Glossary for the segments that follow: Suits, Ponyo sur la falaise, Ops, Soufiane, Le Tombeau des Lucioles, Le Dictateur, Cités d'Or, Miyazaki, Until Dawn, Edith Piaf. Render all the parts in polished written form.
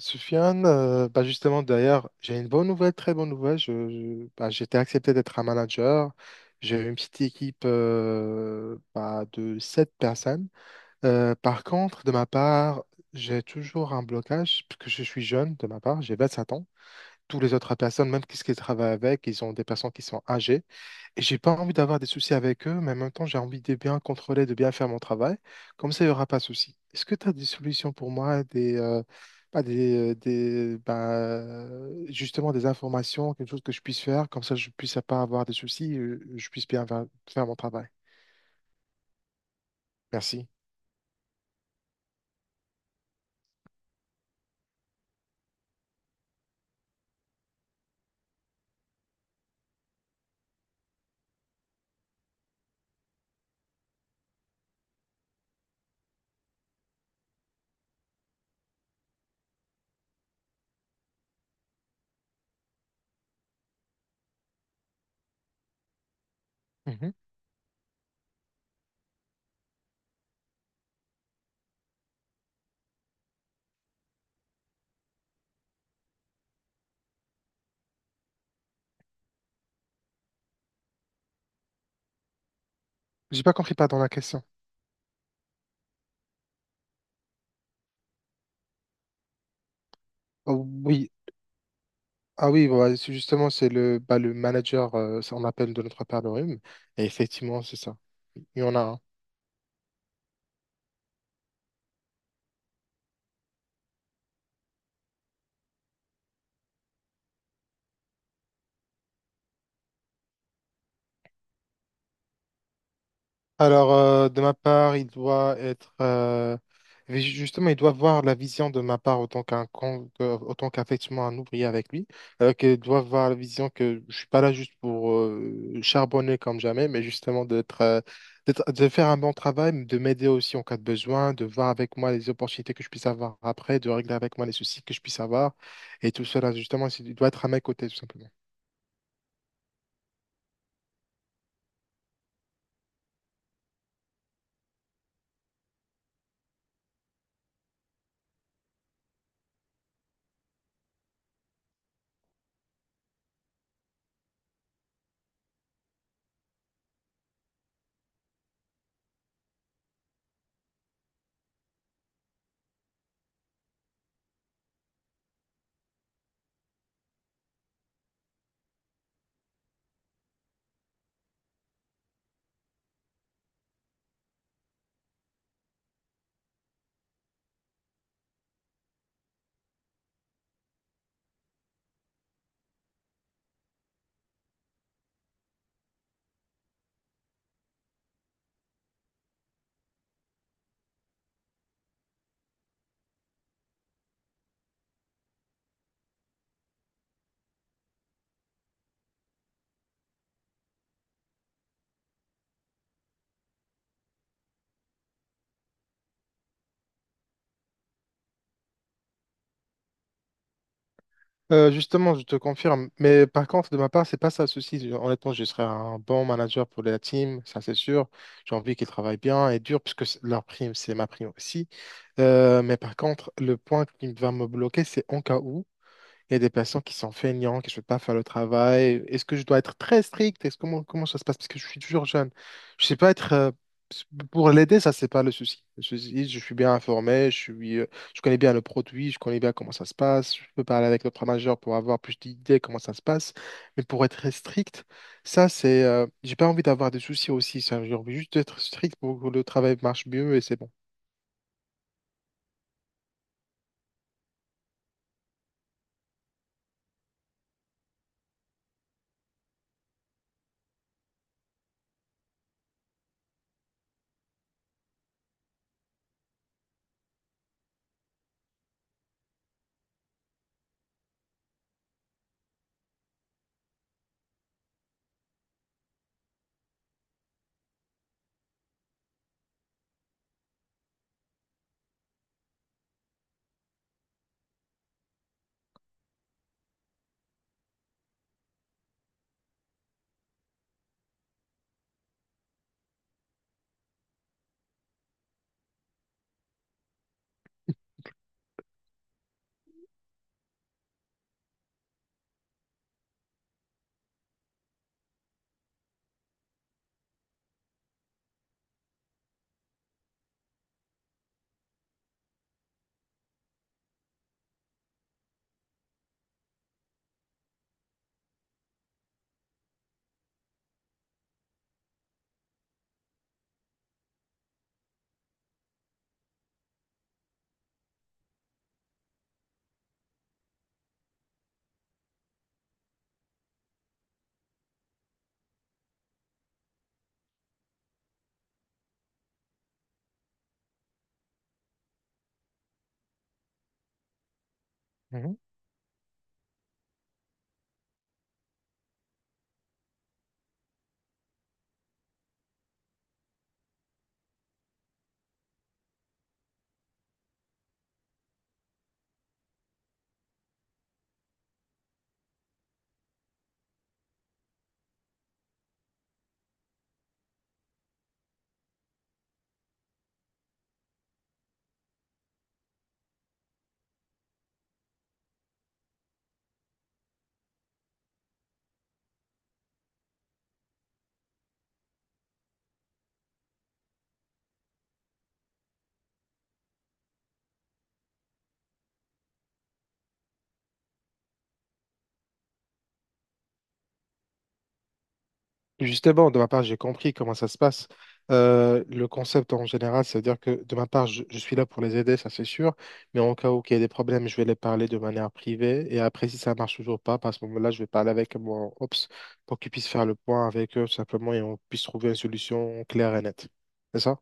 Soufiane, bah justement, d'ailleurs, j'ai une bonne nouvelle, très bonne nouvelle. J'ai été accepté d'être un manager. J'ai une petite équipe de sept personnes. Par contre, de ma part, j'ai toujours un blocage, parce que je suis jeune, de ma part, j'ai 27 ans. Tous les autres personnes, même qu'est-ce qu'ils travaillent avec, ils ont des personnes qui sont âgées. Et j'ai pas envie d'avoir des soucis avec eux, mais en même temps, j'ai envie de bien contrôler, de bien faire mon travail. Comme ça, il n'y aura pas de soucis. Est-ce que tu as des solutions pour moi, des, pas des, des bah, justement des informations, quelque chose que je puisse faire, comme ça, je puisse pas avoir des soucis, je puisse bien faire mon travail. Merci. Mhm. J'ai pas compris, pas dans la question. Oh, oui. Ah oui, bah, c'est justement, c'est le, bah, le manager, ça, on appelle de notre part le rhume. Et effectivement, c'est ça. Il y en a un. Alors, de ma part, il doit être justement, il doit voir la vision de ma part autant qu'effectivement un ouvrier avec lui. Qu'il doit voir la vision que je suis pas là juste pour charbonner comme jamais, mais justement de faire un bon travail, mais de m'aider aussi en cas de besoin, de voir avec moi les opportunités que je puisse avoir après, de régler avec moi les soucis que je puisse avoir, et tout cela justement, il doit être à mes côtés tout simplement. Justement, je te confirme. Mais par contre, de ma part, c'est pas ça le souci. Honnêtement, je serai un bon manager pour la team, ça c'est sûr. J'ai envie qu'ils travaillent bien et dur, puisque leur prime, c'est ma prime aussi. Mais par contre, le point qui va me bloquer, c'est en cas où. Il y a des patients qui sont feignants, qui ne veulent pas faire le travail. Est-ce que je dois être très strict? Comment ça se passe? Parce que je suis toujours jeune. Je sais pas être... Pour l'aider, ça, c'est pas le souci. Le souci, je suis bien informé, je connais bien le produit, je connais bien comment ça se passe. Je peux parler avec le majeur pour avoir plus d'idées comment ça se passe. Mais pour être très strict, ça, j'ai pas envie d'avoir des soucis aussi. Ça. J'ai envie juste d'être strict pour que le travail marche mieux et c'est bon. Justement, de ma part, j'ai compris comment ça se passe. Le concept en général, c'est-à-dire que de ma part, je suis là pour les aider, ça c'est sûr, mais en cas où il y a des problèmes, je vais les parler de manière privée, et après, si ça marche toujours pas, bah, à ce moment-là, je vais parler avec mon Ops pour qu'ils puissent faire le point avec eux, tout simplement, et on puisse trouver une solution claire et nette. C'est ça?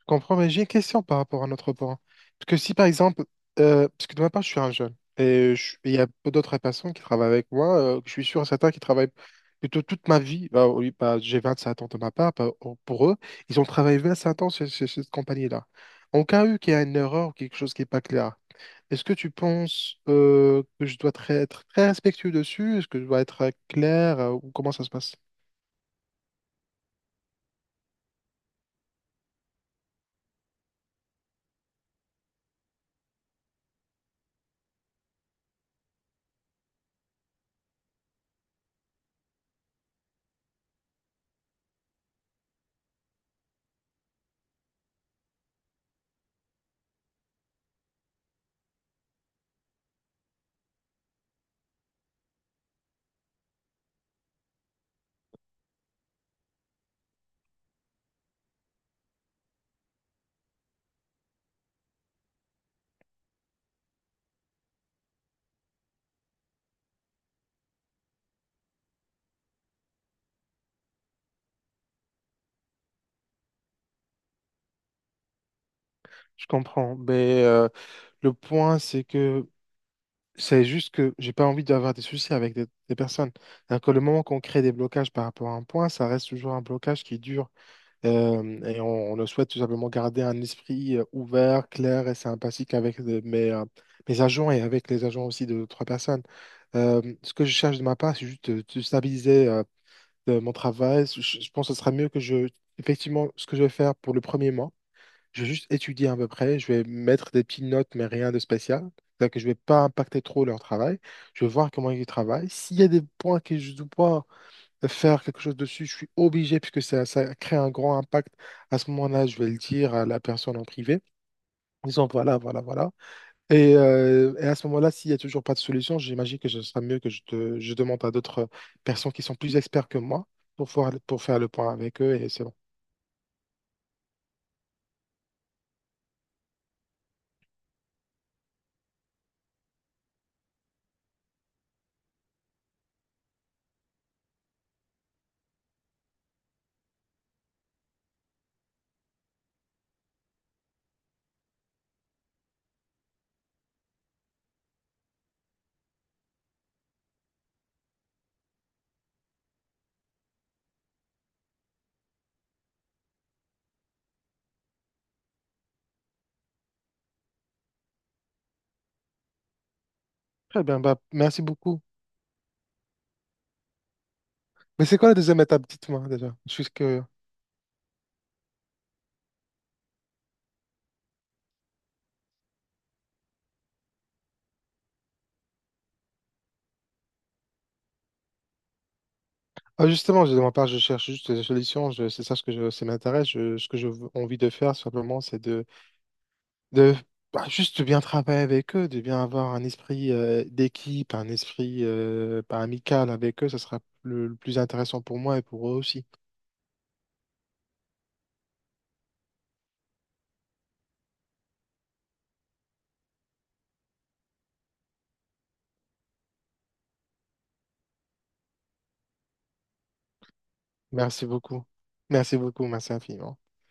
Je comprends, mais j'ai une question par rapport à notre point. Parce que si par exemple, parce que de ma part, je suis un jeune et il y a peu d'autres personnes qui travaillent avec moi, je suis sûr et certain qui travaillent plutôt toute ma vie. Bah, oui, bah, j'ai 27 ans de ma part, bah, oh, pour eux, ils ont travaillé 25 ans chez cette compagnie-là. En cas où qu'il y a une erreur ou quelque chose qui n'est pas clair, est-ce que tu penses que je dois être très respectueux dessus? Est-ce que je dois être clair ou comment ça se passe? Je comprends, le point, c'est que c'est juste que j'ai pas envie d'avoir des soucis avec des personnes. Alors que le moment qu'on crée des blocages par rapport à un point, ça reste toujours un blocage qui dure. Et on le souhaite tout simplement garder un esprit ouvert, clair et sympathique avec mes agents et avec les agents aussi de d'autres personnes. Ce que je cherche de ma part, c'est juste de stabiliser de mon travail. Je pense que ce sera mieux que effectivement, ce que je vais faire pour le premier mois. Je vais juste étudier à peu près, je vais mettre des petites notes, mais rien de spécial. C'est-à-dire que je ne vais pas impacter trop leur travail. Je vais voir comment ils travaillent. S'il y a des points que je dois pas faire quelque chose dessus, je suis obligé, puisque ça, ça crée un grand impact. À ce moment-là, je vais le dire à la personne en privé. Disons, voilà, voilà, voilà. Et à ce moment-là, s'il n'y a toujours pas de solution, j'imagine que ce sera mieux que je demande à d'autres personnes qui sont plus experts que moi pour, pour faire le point avec eux. Et c'est bon. Très bien, bah, merci beaucoup. Mais c'est quoi la deuxième étape? Dites-moi déjà. Je suis curieux. Ah, justement, de ma part, je cherche juste des solutions. C'est ça ce que je, ça m'intéresse. Ce que j'ai envie de faire, simplement, de bah, juste de bien travailler avec eux, de bien avoir un esprit d'équipe, un esprit bah, amical avec eux. Ce sera le plus intéressant pour moi et pour eux aussi. Merci beaucoup. Merci beaucoup. Merci infiniment.